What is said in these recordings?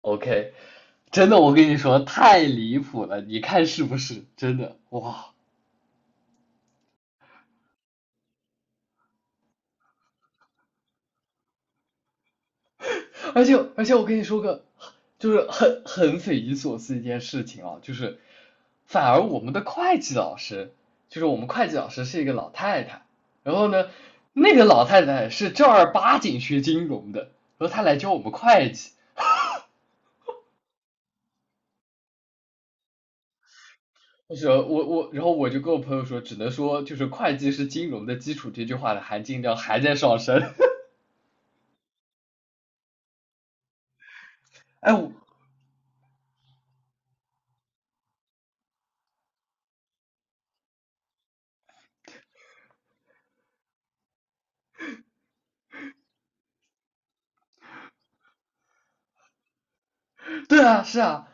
OK，真的，我跟你说太离谱了，你看是不是？真的，哇！而且我跟你说个，就是很匪夷所思一件事情啊，就是反而我们的会计老师，就是我们会计老师是一个老太太，然后呢，那个老太太是正儿八经学金融的，然后她来教我们会计。就是我，然后我就跟我朋友说，只能说就是会计是金融的基础这句话的含金量还在上升。哎，我对啊，是啊，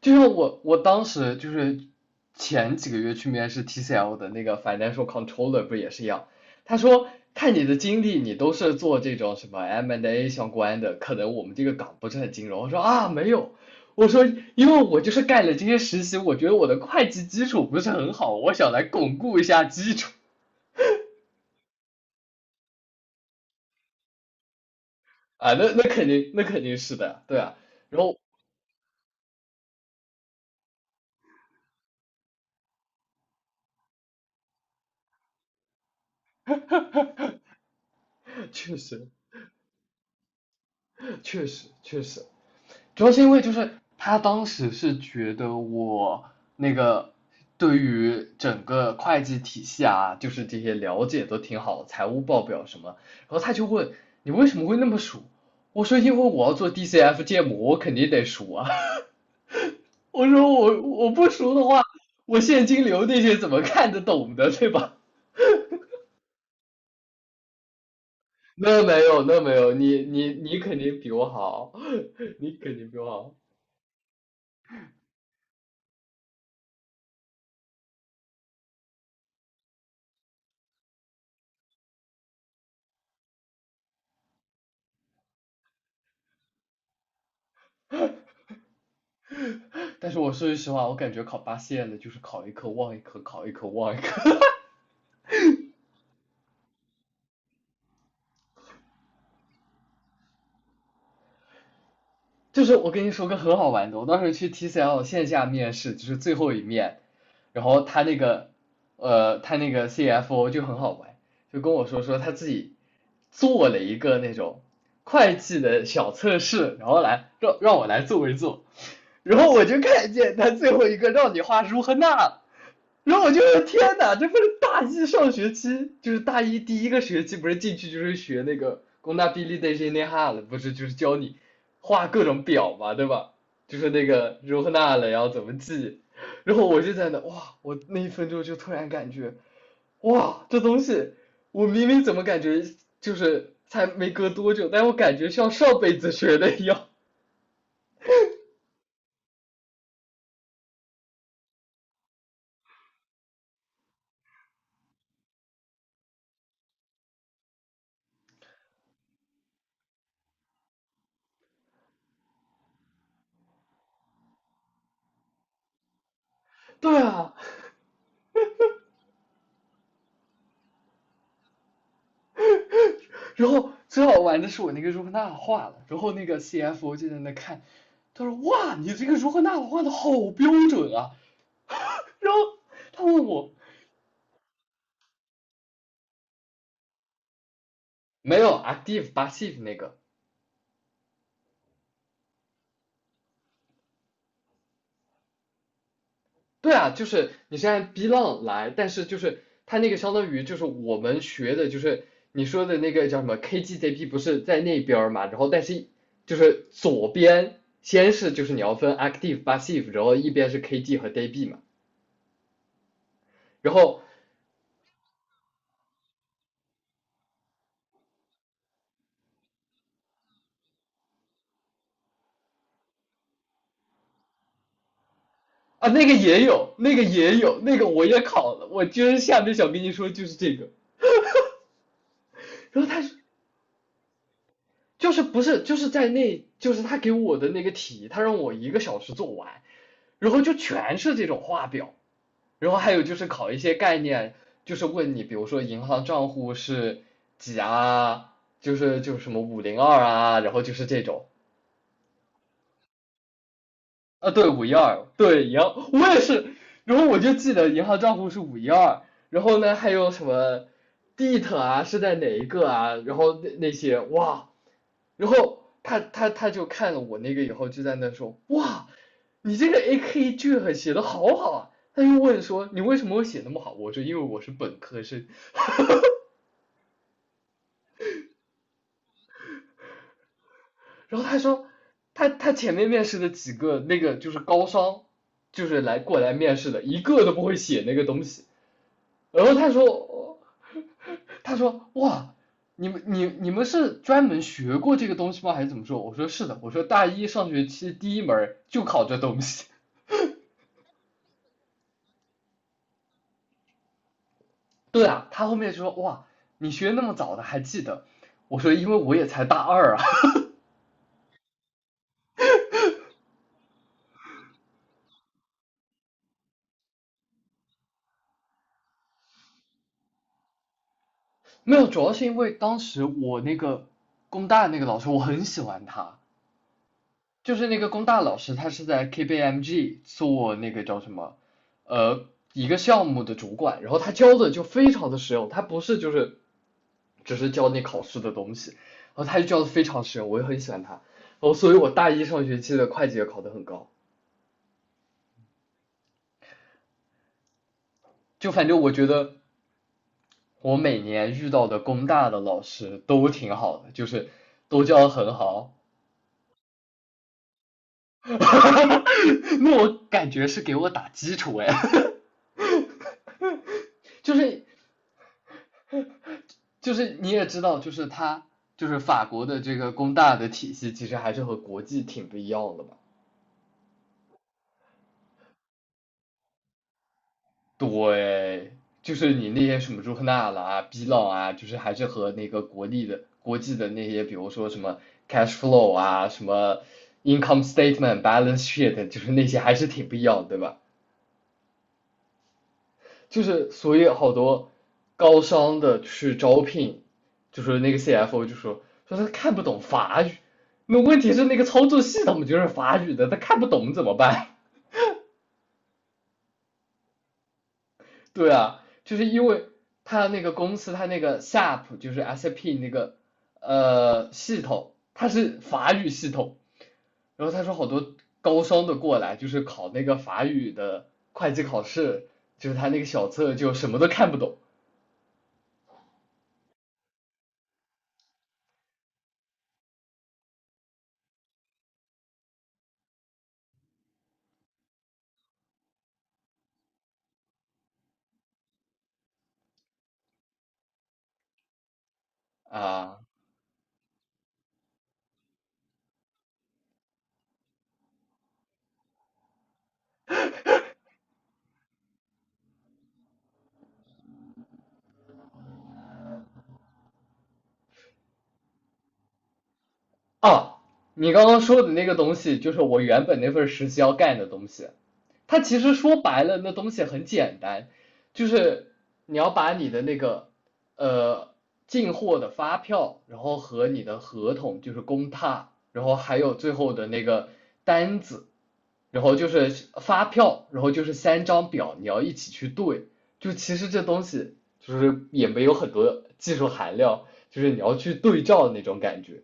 就像我当时就是前几个月去面试 TCL 的那个 financial controller 不也是一样，他说看你的经历，你都是做这种什么 M&A and A 相关的，可能我们这个岗不是很金融。我说啊没有，我说因为我就是干了这些实习，我觉得我的会计基础不是很好，我想来巩固一下基础啊，那肯定是的，对啊，然后确实确实确实，主要是因为就是他当时是觉得我那个对于整个会计体系啊，就是这些了解都挺好，财务报表什么，然后他就问你为什么会那么熟？我说因为我要做 DCF 建模，我肯定得熟啊。我说我不熟的话，我现金流那些怎么看得懂的，对吧？那没有，那没有，你肯定比我好，你肯定比我好。但是我说句实话，我感觉考八线的就是考一科忘一科，考一科忘一科。就是我跟你说个很好玩的，我当时去 TCL 线下面试，就是最后一面，然后他那个他那个 CFO 就很好玩，就跟我说他自己做了一个那种会计的小测试，然后来让我来做一做，然后我就看见他最后一个让你画如何那。然后我就天哪，这不是大一上学期，就是大一第一个学期，不是进去就是学那个工大比例的这那哈了，不是就是教你画各种表嘛，对吧？就是那个如何那了，然后怎么记，然后我就在那哇，我那1分钟就突然感觉，哇，这东西我明明怎么感觉就是才没隔多久，但我感觉像上辈子学的一样。对啊，然后最好玩的是我那个如何纳瓦画了，然后那个 CFO 就在那看，他说哇，你这个如何纳瓦画的好标准啊，然后他问我没有 active passive 那个，对啊，就是你是按 B 浪来，但是就是他那个相当于就是我们学的就是你说的那个叫什么 KGCP 不是在那边嘛，然后但是就是左边先是就是你要分 active passive，然后一边是 KG 和 DB 嘛，然后啊，那个也有，那个也有，那个我也考了，我今儿下面想跟你说就是这个。然后他就是不是就是在那就是他给我的那个题，他让我1个小时做完，然后就全是这种画表，然后还有就是考一些概念，就是问你比如说银行账户是几啊，就是就是什么502啊，然后就是这种，啊，对，五一二，对，银行，我也是，然后我就记得银行账户是五一二，然后呢还有什么 d t e 啊是在哪一个啊，然后那那些哇，然后他就看了我那个以后就在那说，哇，你这个 AK 句很写的好好啊，他又问说你为什么会写那么好，我说因为我是本科生，然后他说他前面面试的几个那个就是高商，就是来过来面试的，一个都不会写那个东西。然后他说，他说哇，你们你们是专门学过这个东西吗？还是怎么说？我说是的，我说大一上学期第一门就考这东西。对啊，他后面就说哇，你学那么早的还记得？我说因为我也才大二啊，没有，主要是因为当时我那个工大那个老师我很喜欢他，就是那个工大老师，他是在 KPMG 做那个叫什么，呃，一个项目的主管，然后他教的就非常的实用，他不是就是只是教你考试的东西，然后他就教的非常实用，我也很喜欢他，然后所以我大一上学期的会计也考得很高，就反正我觉得我每年遇到的工大的老师都挺好的，就是都教的很好，那我感觉是给我打基础哎，就是。就是你也知道，就是它就是法国的这个工大的体系，其实还是和国际挺不一样的嘛。对，就是你那些什么朱克纳了啊、比朗啊，就是还是和那个国立的国际的那些，比如说什么 cash flow 啊、什么 income statement、balance sheet，就是那些还是挺不一样的对吧？就是所以好多高商的去招聘，就是那个 CFO 就说他看不懂法语，那问题是那个操作系统就是法语的，他看不懂怎么办？对啊，就是因为他那个公司他那个 SAP 就是 SAP 那个系统，它是法语系统，然后他说好多高商的过来就是考那个法语的会计考试，就是他那个小册就什么都看不懂啊。哦，你刚刚说的那个东西，就是我原本那份实习要干的东西。它其实说白了，那东西很简单，就是你要把你的那个呃进货的发票，然后和你的合同，就是公踏，然后还有最后的那个单子，然后就是发票，然后就是三张表，你要一起去对。就其实这东西就是也没有很多技术含量，就是你要去对照的那种感觉。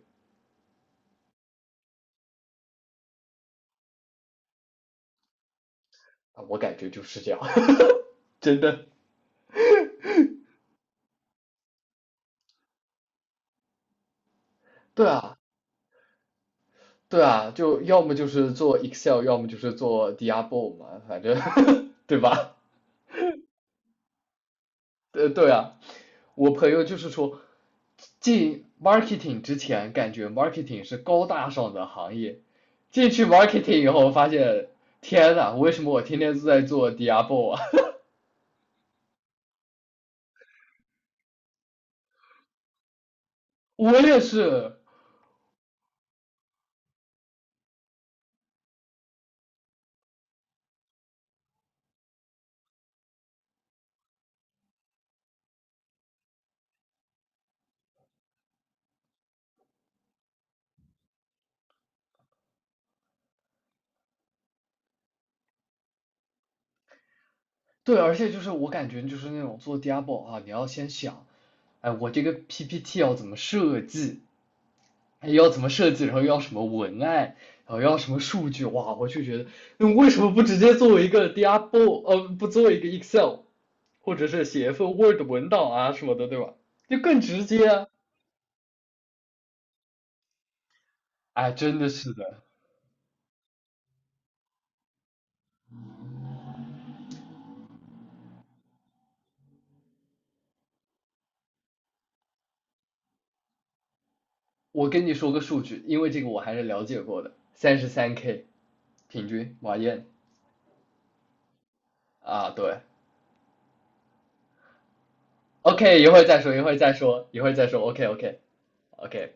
啊，我感觉就是这样，真的。对啊，对啊，就要么就是做 Excel，要么就是做 Diablo 嘛，反正 对吧？对啊，我朋友就是说，进 marketing 之前感觉 marketing 是高大上的行业，进去 marketing 以后发现，天呐，为什么我天天都在做 Diablo 啊？我也是，对，而且就是我感觉就是那种做 Diablo 啊，你要先想，哎，我这个 PPT 要怎么设计？哎要怎么设计，然后要什么文案，然后要什么数据，哇，我就觉得，那为什么不直接作为一个 d i a b o， 不做一个 Excel，或者是写一份 Word 文档啊什么的，对吧？就更直接啊！哎，真的是的，我跟你说个数据，因为这个我还是了解过的，33K 平均马燕啊，对，OK，一会儿再说，一会儿再说，一会儿再说，OK OK OK。